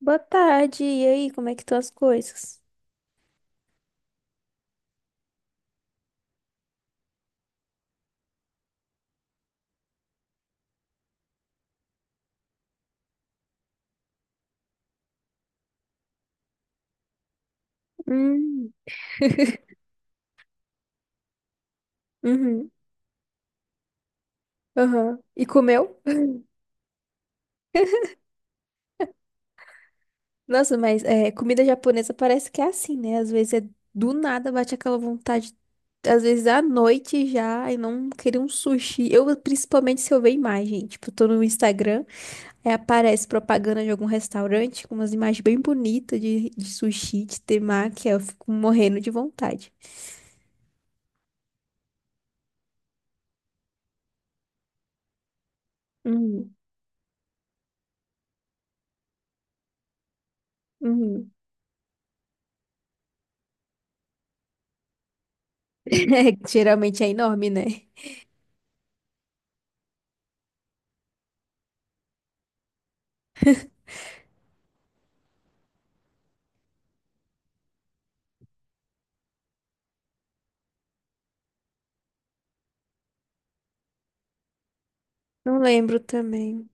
Boa tarde, e aí, como é que estão as coisas? Hum. Uhum, aham. E comeu? Nossa, mas é, comida japonesa parece que é assim, né? Às vezes é do nada, bate aquela vontade, às vezes à noite já, e não querer um sushi. Eu, principalmente se eu ver imagem, tipo, eu tô no Instagram, aí aparece propaganda de algum restaurante com umas imagens bem bonitas de sushi, de temaki, aí eu fico morrendo de vontade. Uhum, uhum. É, geralmente é enorme, né? Não lembro também.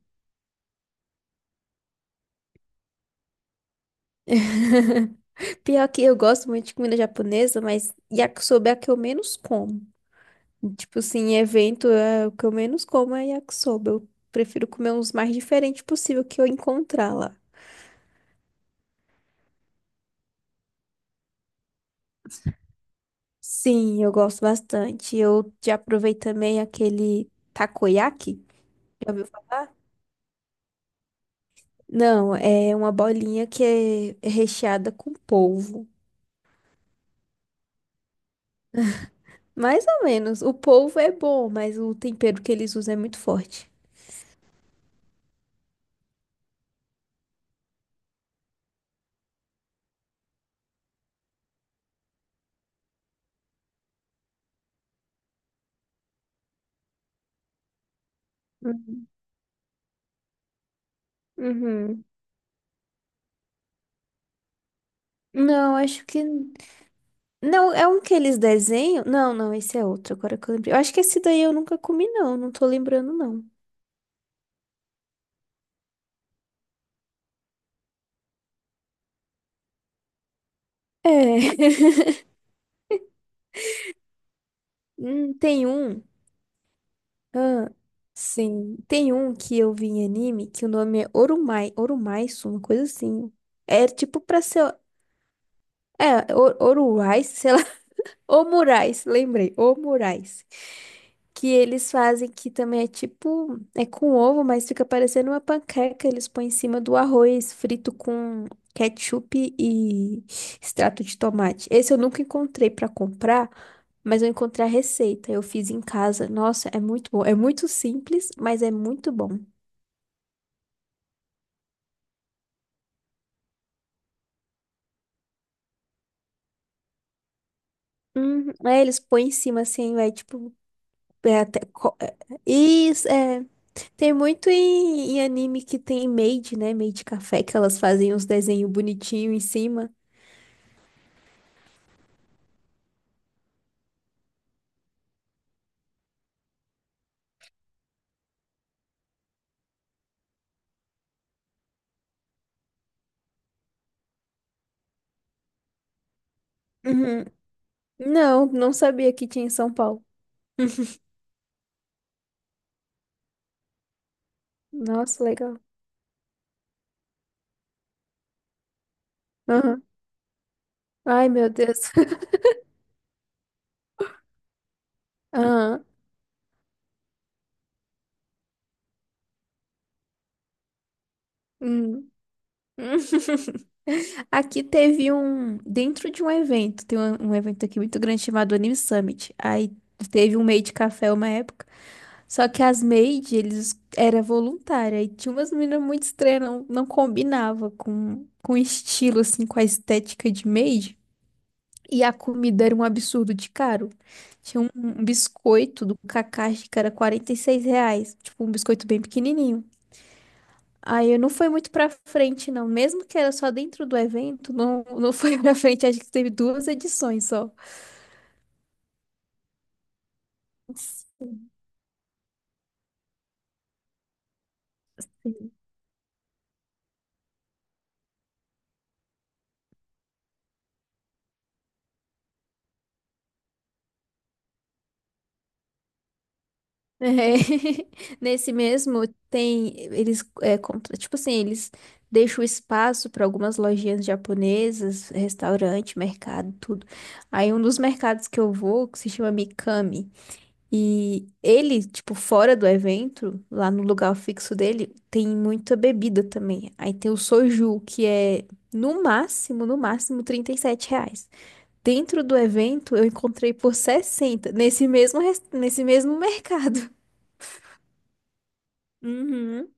Pior que eu gosto muito de comida japonesa, mas yakisoba é a que eu menos como. Tipo assim, em evento, é, o que eu menos como é yakisoba. Eu prefiro comer uns mais diferentes possível que eu encontrar lá. Sim, eu gosto bastante. Eu já provei também aquele takoyaki. Já ouviu falar? Não, é uma bolinha que é recheada com polvo. Mais ou menos. O polvo é bom, mas o tempero que eles usam é muito forte. Uhum. Não, acho que. Não, é um que eles desenham. Não, não, esse é outro, agora que eu lembrei. Eu acho que esse daí eu nunca comi, não. Não tô lembrando, não. É. Tem um. Ah, sim. Tem um que eu vi em anime que o nome é Orumai. Orumaisu, uma coisa assim. É tipo pra ser. É, Or- Oruai, sei lá. Ô Moraes, lembrei, ô Moraes. Que eles fazem que também é tipo, é com ovo, mas fica parecendo uma panqueca. Eles põem em cima do arroz frito com ketchup e extrato de tomate. Esse eu nunca encontrei pra comprar, mas eu encontrei a receita. Eu fiz em casa. Nossa, é muito bom. É muito simples, mas é muito bom. Uhum. Aí eles põem em cima assim, vai tipo. É até co- é- Isso, é. Tem muito em anime que tem maid, né? Maid café, que elas fazem uns desenhos bonitinhos em cima. Uhum. Não, não sabia que tinha em São Paulo. Nossa, legal. Aham. Ai, meu Deus. Aham. Hum. Aqui teve um. Dentro de um evento, tem um evento aqui muito grande chamado Anime Summit. Aí teve um maid café uma época. Só que as maid, eles era voluntária e tinha umas meninas muito estranhas, não, não combinava com o estilo, assim, com a estética de maid. E a comida era um absurdo de caro. Tinha um biscoito do Kakashi que era R$ 46, tipo um biscoito bem pequenininho. Aí eu não foi muito pra frente, não. Mesmo que era só dentro do evento, não, não foi pra frente. Acho que teve duas edições só. Sim. É, nesse mesmo tem eles é, contra, tipo assim, eles deixam espaço para algumas lojinhas japonesas, restaurante, mercado, tudo. Aí um dos mercados que eu vou, que se chama Mikami, e ele, tipo, fora do evento, lá no lugar fixo dele, tem muita bebida também. Aí tem o soju, que é no máximo R$ 37. Dentro do evento eu encontrei por 60 nesse mesmo, res- nesse mesmo mercado. Uhum.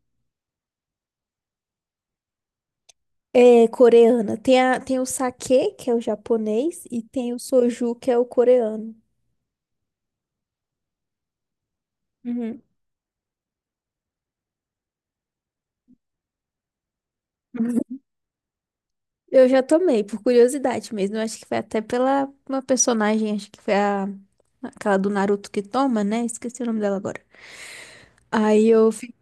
É coreana. Tem, a, tem o sake, que é o japonês, e tem o soju, que é o coreano. Uhum. Eu já tomei, por curiosidade mesmo. Eu acho que foi até pela uma personagem, acho que foi a, aquela do Naruto que toma, né? Esqueci o nome dela agora. Aí eu fiquei.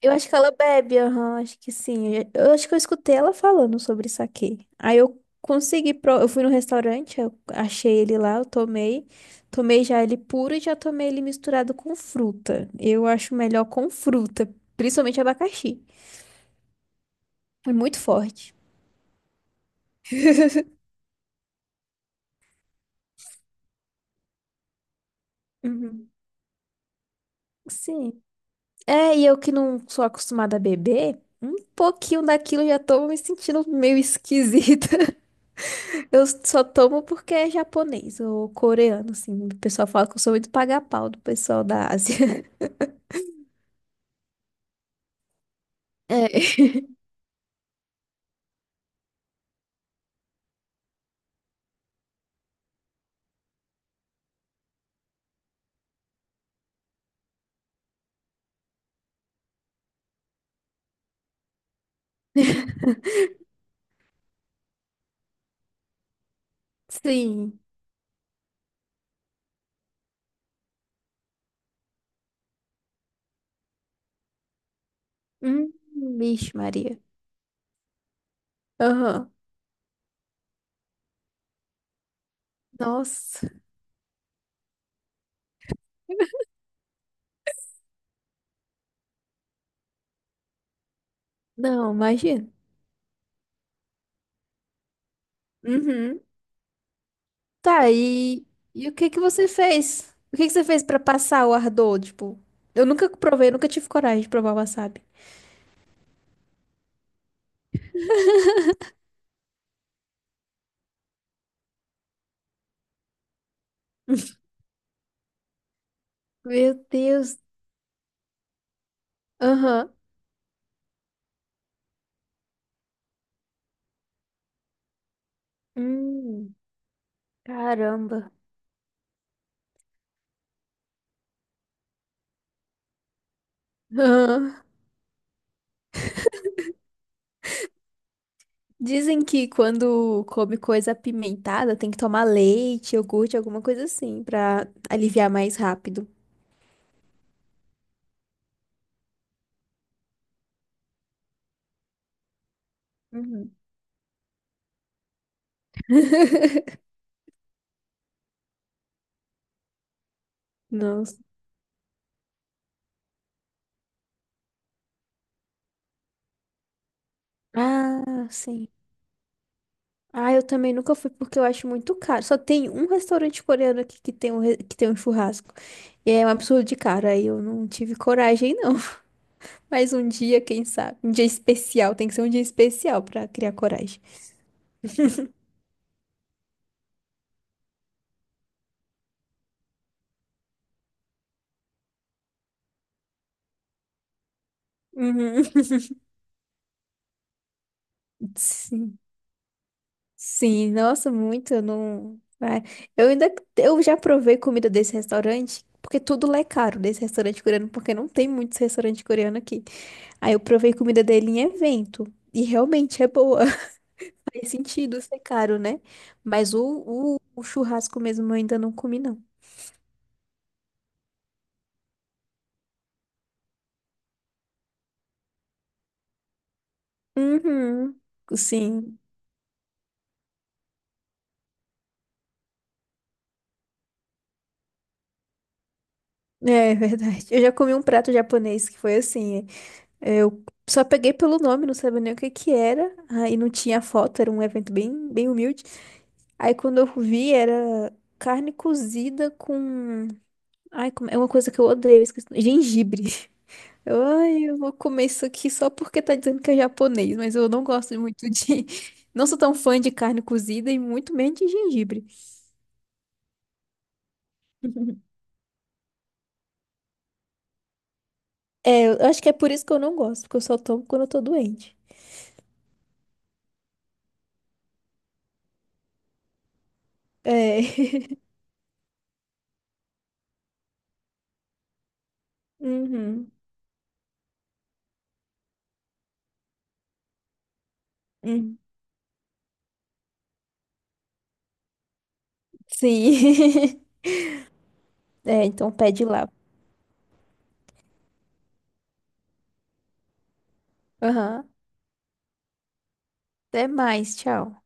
Eu acho que ela bebe, aham, acho que sim. Eu acho que eu escutei ela falando sobre saquê. Aí eu consegui, pro- eu fui no restaurante, eu achei ele lá, eu tomei. Tomei já ele puro e já tomei ele misturado com fruta. Eu acho melhor com fruta, principalmente abacaxi. É muito forte. Uhum. Sim. É, e eu que não sou acostumada a beber, um pouquinho daquilo eu já tô me sentindo meio esquisita. Eu só tomo porque é japonês ou coreano, assim. O pessoal fala que eu sou muito paga-pau do pessoal da Ásia. É. Sim. Hum, vixe, Maria. Aham. Nossa. Não, imagina. Uhum. Tá, e o que que você fez? O que que você fez pra passar o ardor? Tipo, eu nunca provei, nunca tive coragem de provar wasabi. Meu Deus. Aham. Hum, caramba. Aham. Dizem que quando come coisa apimentada tem que tomar leite, iogurte, alguma coisa assim, pra aliviar mais rápido. Uhum. Nossa. Ah, sim. Ah, eu também nunca fui porque eu acho muito caro. Só tem um restaurante coreano aqui que tem um, re- que tem um churrasco. E é um absurdo de caro. Aí eu não tive coragem, não. Mas um dia, quem sabe? Um dia especial. Tem que ser um dia especial pra criar coragem. Uhum. Sim. Sim, nossa, muito, eu não. vai. Eu ainda. Eu já provei comida desse restaurante, porque tudo lá é caro desse restaurante coreano, porque não tem muitos restaurantes coreanos aqui. Aí eu provei comida dele em evento. E realmente é boa. Faz sentido ser caro, né? Mas o churrasco mesmo eu ainda não comi, não. Uhum. Sim. É verdade. Eu já comi um prato japonês que foi assim. É, eu só peguei pelo nome, não sabia nem o que que era. Aí não tinha foto, era um evento bem humilde. Aí quando eu vi, era carne cozida com. Ai, como- é uma coisa que eu odeio, eu esqueci. Gengibre. Eu, ai, eu vou comer isso aqui só porque tá dizendo que é japonês, mas eu não gosto muito de. Não sou tão fã de carne cozida e muito menos de gengibre. É, eu acho que é por isso que eu não gosto, porque eu só tomo quando eu tô doente. É. Uhum. Uhum. Sim. É, então pede lá. Aham. Até mais, tchau.